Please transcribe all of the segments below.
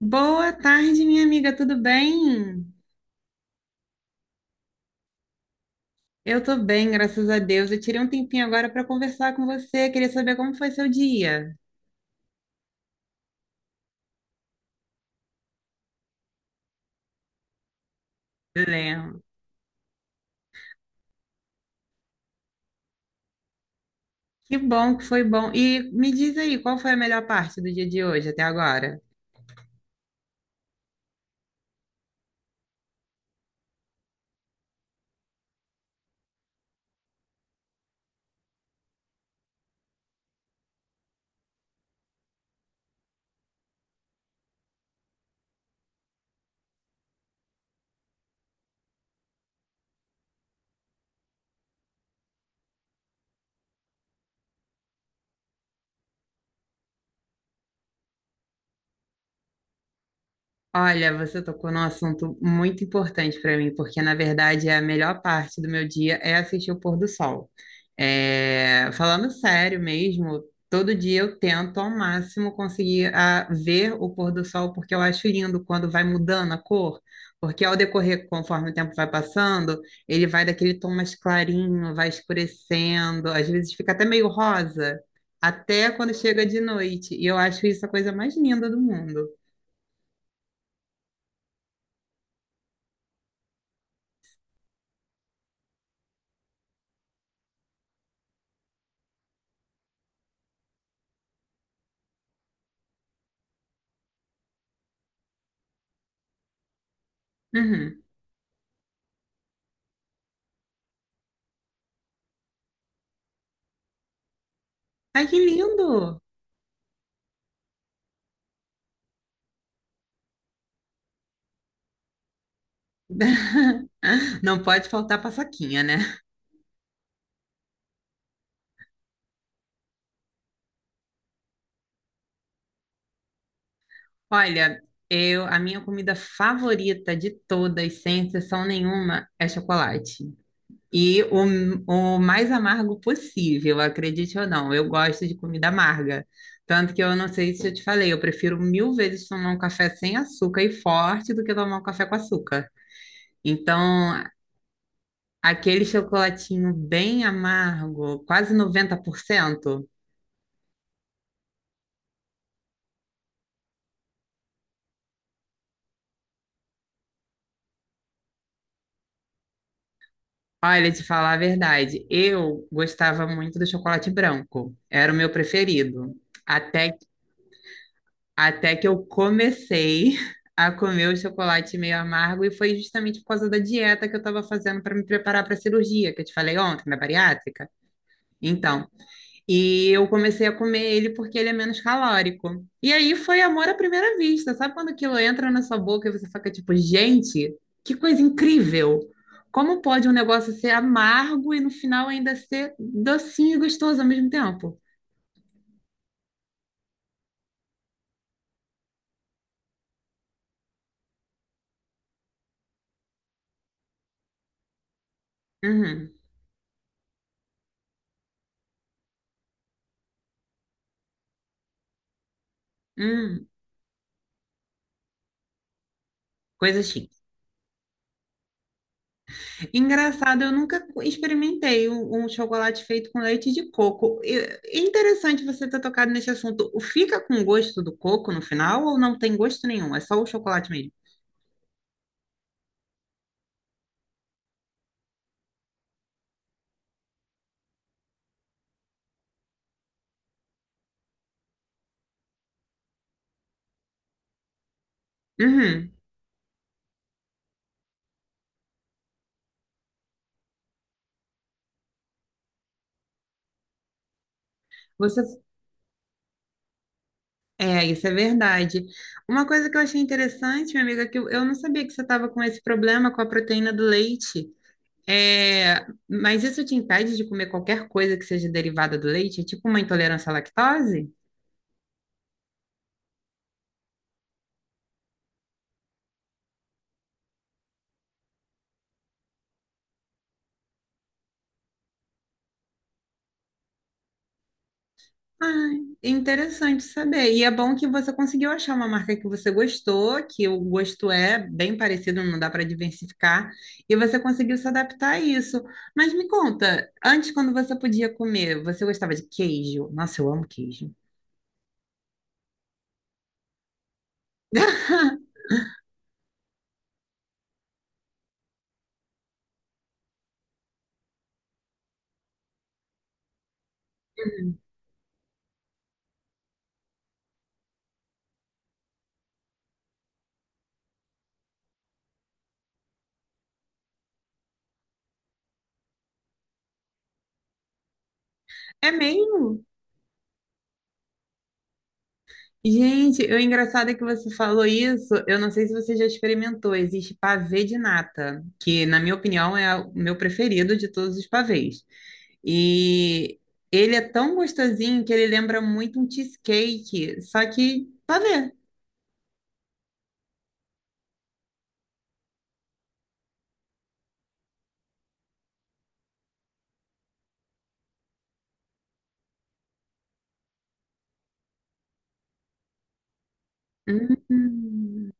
Boa tarde, minha amiga, tudo bem? Eu tô bem, graças a Deus. Eu tirei um tempinho agora para conversar com você. Queria saber como foi seu dia. Lembro. Que bom que foi bom. E me diz aí, qual foi a melhor parte do dia de hoje até agora? Olha, você tocou num assunto muito importante para mim, porque na verdade a melhor parte do meu dia é assistir o pôr do sol. É, falando sério mesmo, todo dia eu tento ao máximo conseguir ver o pôr do sol, porque eu acho lindo quando vai mudando a cor, porque ao decorrer, conforme o tempo vai passando, ele vai daquele tom mais clarinho, vai escurecendo, às vezes fica até meio rosa, até quando chega de noite, e eu acho isso a coisa mais linda do mundo. Uhum. Ai, que lindo! Não pode faltar paçoquinha, né? Olha, a minha comida favorita de todas, sem exceção nenhuma, é chocolate. E o mais amargo possível, acredite ou não, eu gosto de comida amarga. Tanto que eu não sei se eu te falei, eu prefiro mil vezes tomar um café sem açúcar e forte do que tomar um café com açúcar. Então, aquele chocolatinho bem amargo, quase 90%. Olha, te falar a verdade, eu gostava muito do chocolate branco, era o meu preferido. Até, até que eu comecei a comer o chocolate meio amargo, e foi justamente por causa da dieta que eu estava fazendo para me preparar para a cirurgia, que eu te falei ontem, na bariátrica. Então, e eu comecei a comer ele porque ele é menos calórico. E aí foi amor à primeira vista. Sabe quando aquilo entra na sua boca e você fica tipo, gente, que coisa incrível! Como pode um negócio ser amargo e no final ainda ser docinho e gostoso ao mesmo tempo? Uhum. Hum, coisa chique. Engraçado, eu nunca experimentei um chocolate feito com leite de coco. É interessante você ter tocado nesse assunto. O Fica com gosto do coco no final ou não tem gosto nenhum? É só o chocolate mesmo? Uhum. Você, É, isso é verdade. Uma coisa que eu achei interessante, minha amiga, é que eu não sabia que você estava com esse problema com a proteína do leite. É, mas isso te impede de comer qualquer coisa que seja derivada do leite? É tipo uma intolerância à lactose? Ah, interessante saber. E é bom que você conseguiu achar uma marca que você gostou, que o gosto é bem parecido, não dá para diversificar, e você conseguiu se adaptar a isso. Mas me conta, antes, quando você podia comer, você gostava de queijo? Nossa, eu amo queijo. É mesmo? Gente, o engraçado é que você falou isso. Eu não sei se você já experimentou. Existe pavê de nata, que, na minha opinião, é o meu preferido de todos os pavês. E ele é tão gostosinho que ele lembra muito um cheesecake, só que pavê. Hum.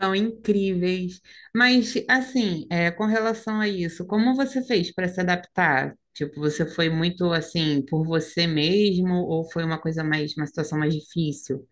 São incríveis. Mas, assim, é, com relação a isso, como você fez para se adaptar? Tipo, você foi muito assim por você mesmo ou foi uma coisa mais, uma situação mais difícil?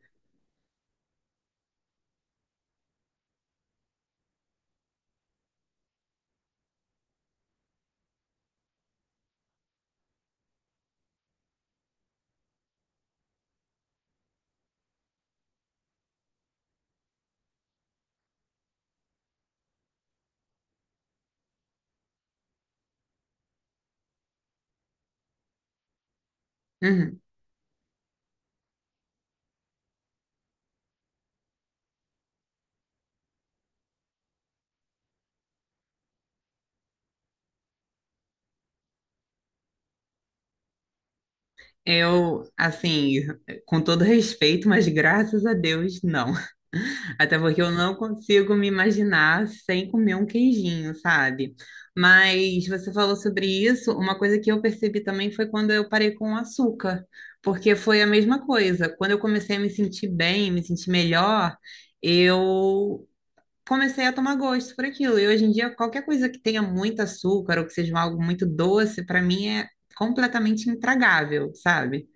Uhum. Eu, assim, com todo respeito, mas graças a Deus, não. Até porque eu não consigo me imaginar sem comer um queijinho, sabe? Mas você falou sobre isso, uma coisa que eu percebi também foi quando eu parei com o açúcar, porque foi a mesma coisa. Quando eu comecei a me sentir bem, me sentir melhor, eu comecei a tomar gosto por aquilo. E hoje em dia, qualquer coisa que tenha muito açúcar ou que seja algo muito doce, para mim é completamente intragável, sabe?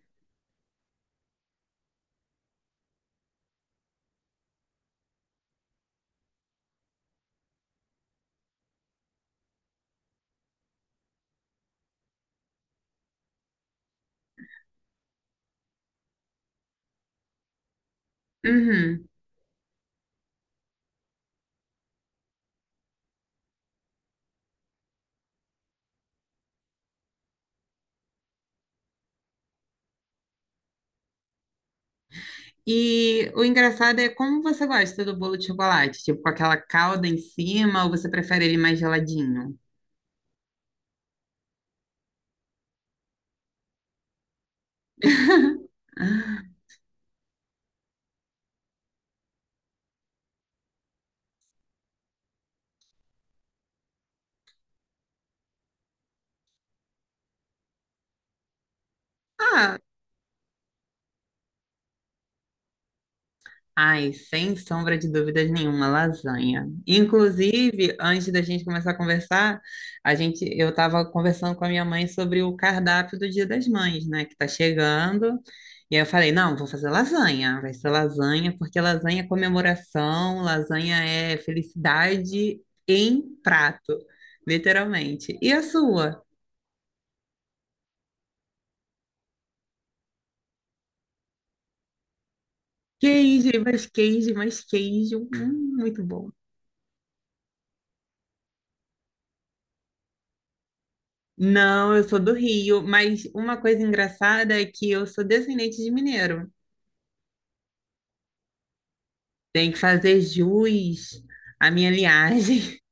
Uhum. E o engraçado é como você gosta do bolo de chocolate, tipo com aquela calda em cima, ou você prefere ele mais geladinho? Ah, ai, sem sombra de dúvidas nenhuma, lasanha. Inclusive, antes da gente começar a conversar, a gente, eu estava conversando com a minha mãe sobre o cardápio do Dia das Mães, né, que está chegando. E aí eu falei, não, vou fazer lasanha, vai ser lasanha, porque lasanha é comemoração, lasanha é felicidade em prato, literalmente. E a sua? Queijo, mais queijo, mais queijo, muito bom. Não, eu sou do Rio, mas uma coisa engraçada é que eu sou descendente de mineiro. Tem que fazer jus à minha linhagem.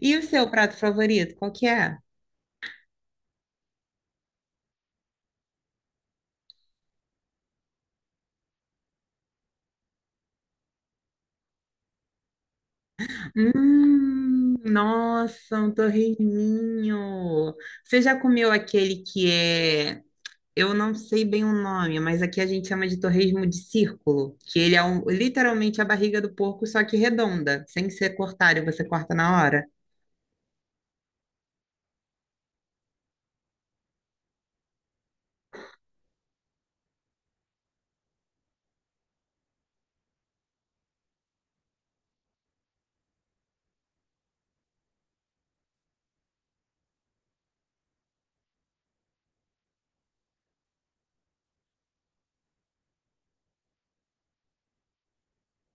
E o seu prato favorito, qual que é? Nossa, um torresminho. Você já comeu aquele que é, eu não sei bem o nome, mas aqui a gente chama de torresmo de círculo, que ele é um- literalmente a barriga do porco, só que redonda, sem ser cortada, e você corta na hora.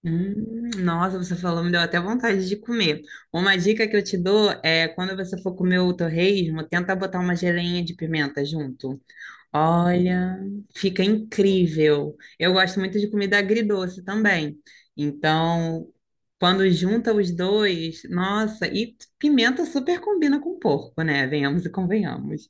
Hum, nossa, você falou, me deu até vontade de comer. Uma dica que eu te dou é quando você for comer o torresmo, tenta botar uma geleinha de pimenta junto. Olha, fica incrível. Eu gosto muito de comida agridoce também. Então, quando junta os dois, nossa, e pimenta super combina com porco, né? Venhamos e convenhamos.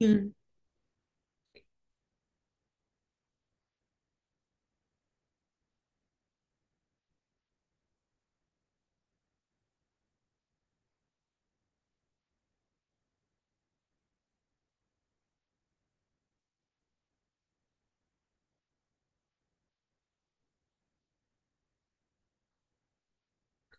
Sim.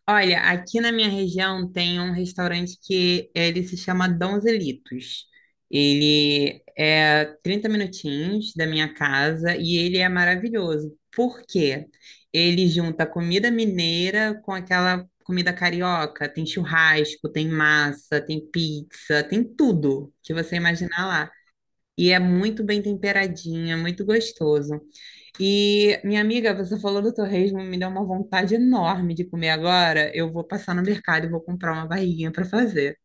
Olha, aqui na minha região tem um restaurante que ele se chama Donzelitos. Ele é 30 minutinhos da minha casa e ele é maravilhoso. Por quê? Ele junta comida mineira com aquela comida carioca. Tem churrasco, tem massa, tem pizza, tem tudo que você imaginar lá. E é muito bem temperadinho, é muito gostoso. E, minha amiga, você falou do torresmo, me deu uma vontade enorme de comer agora. Eu vou passar no mercado e vou comprar uma barriguinha para fazer.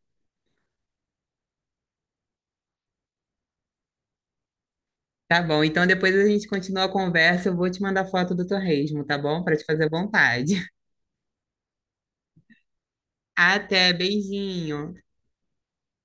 Tá bom, então depois a gente continua a conversa. Eu vou te mandar foto do torresmo, tá bom? Para te fazer vontade. Até, beijinho.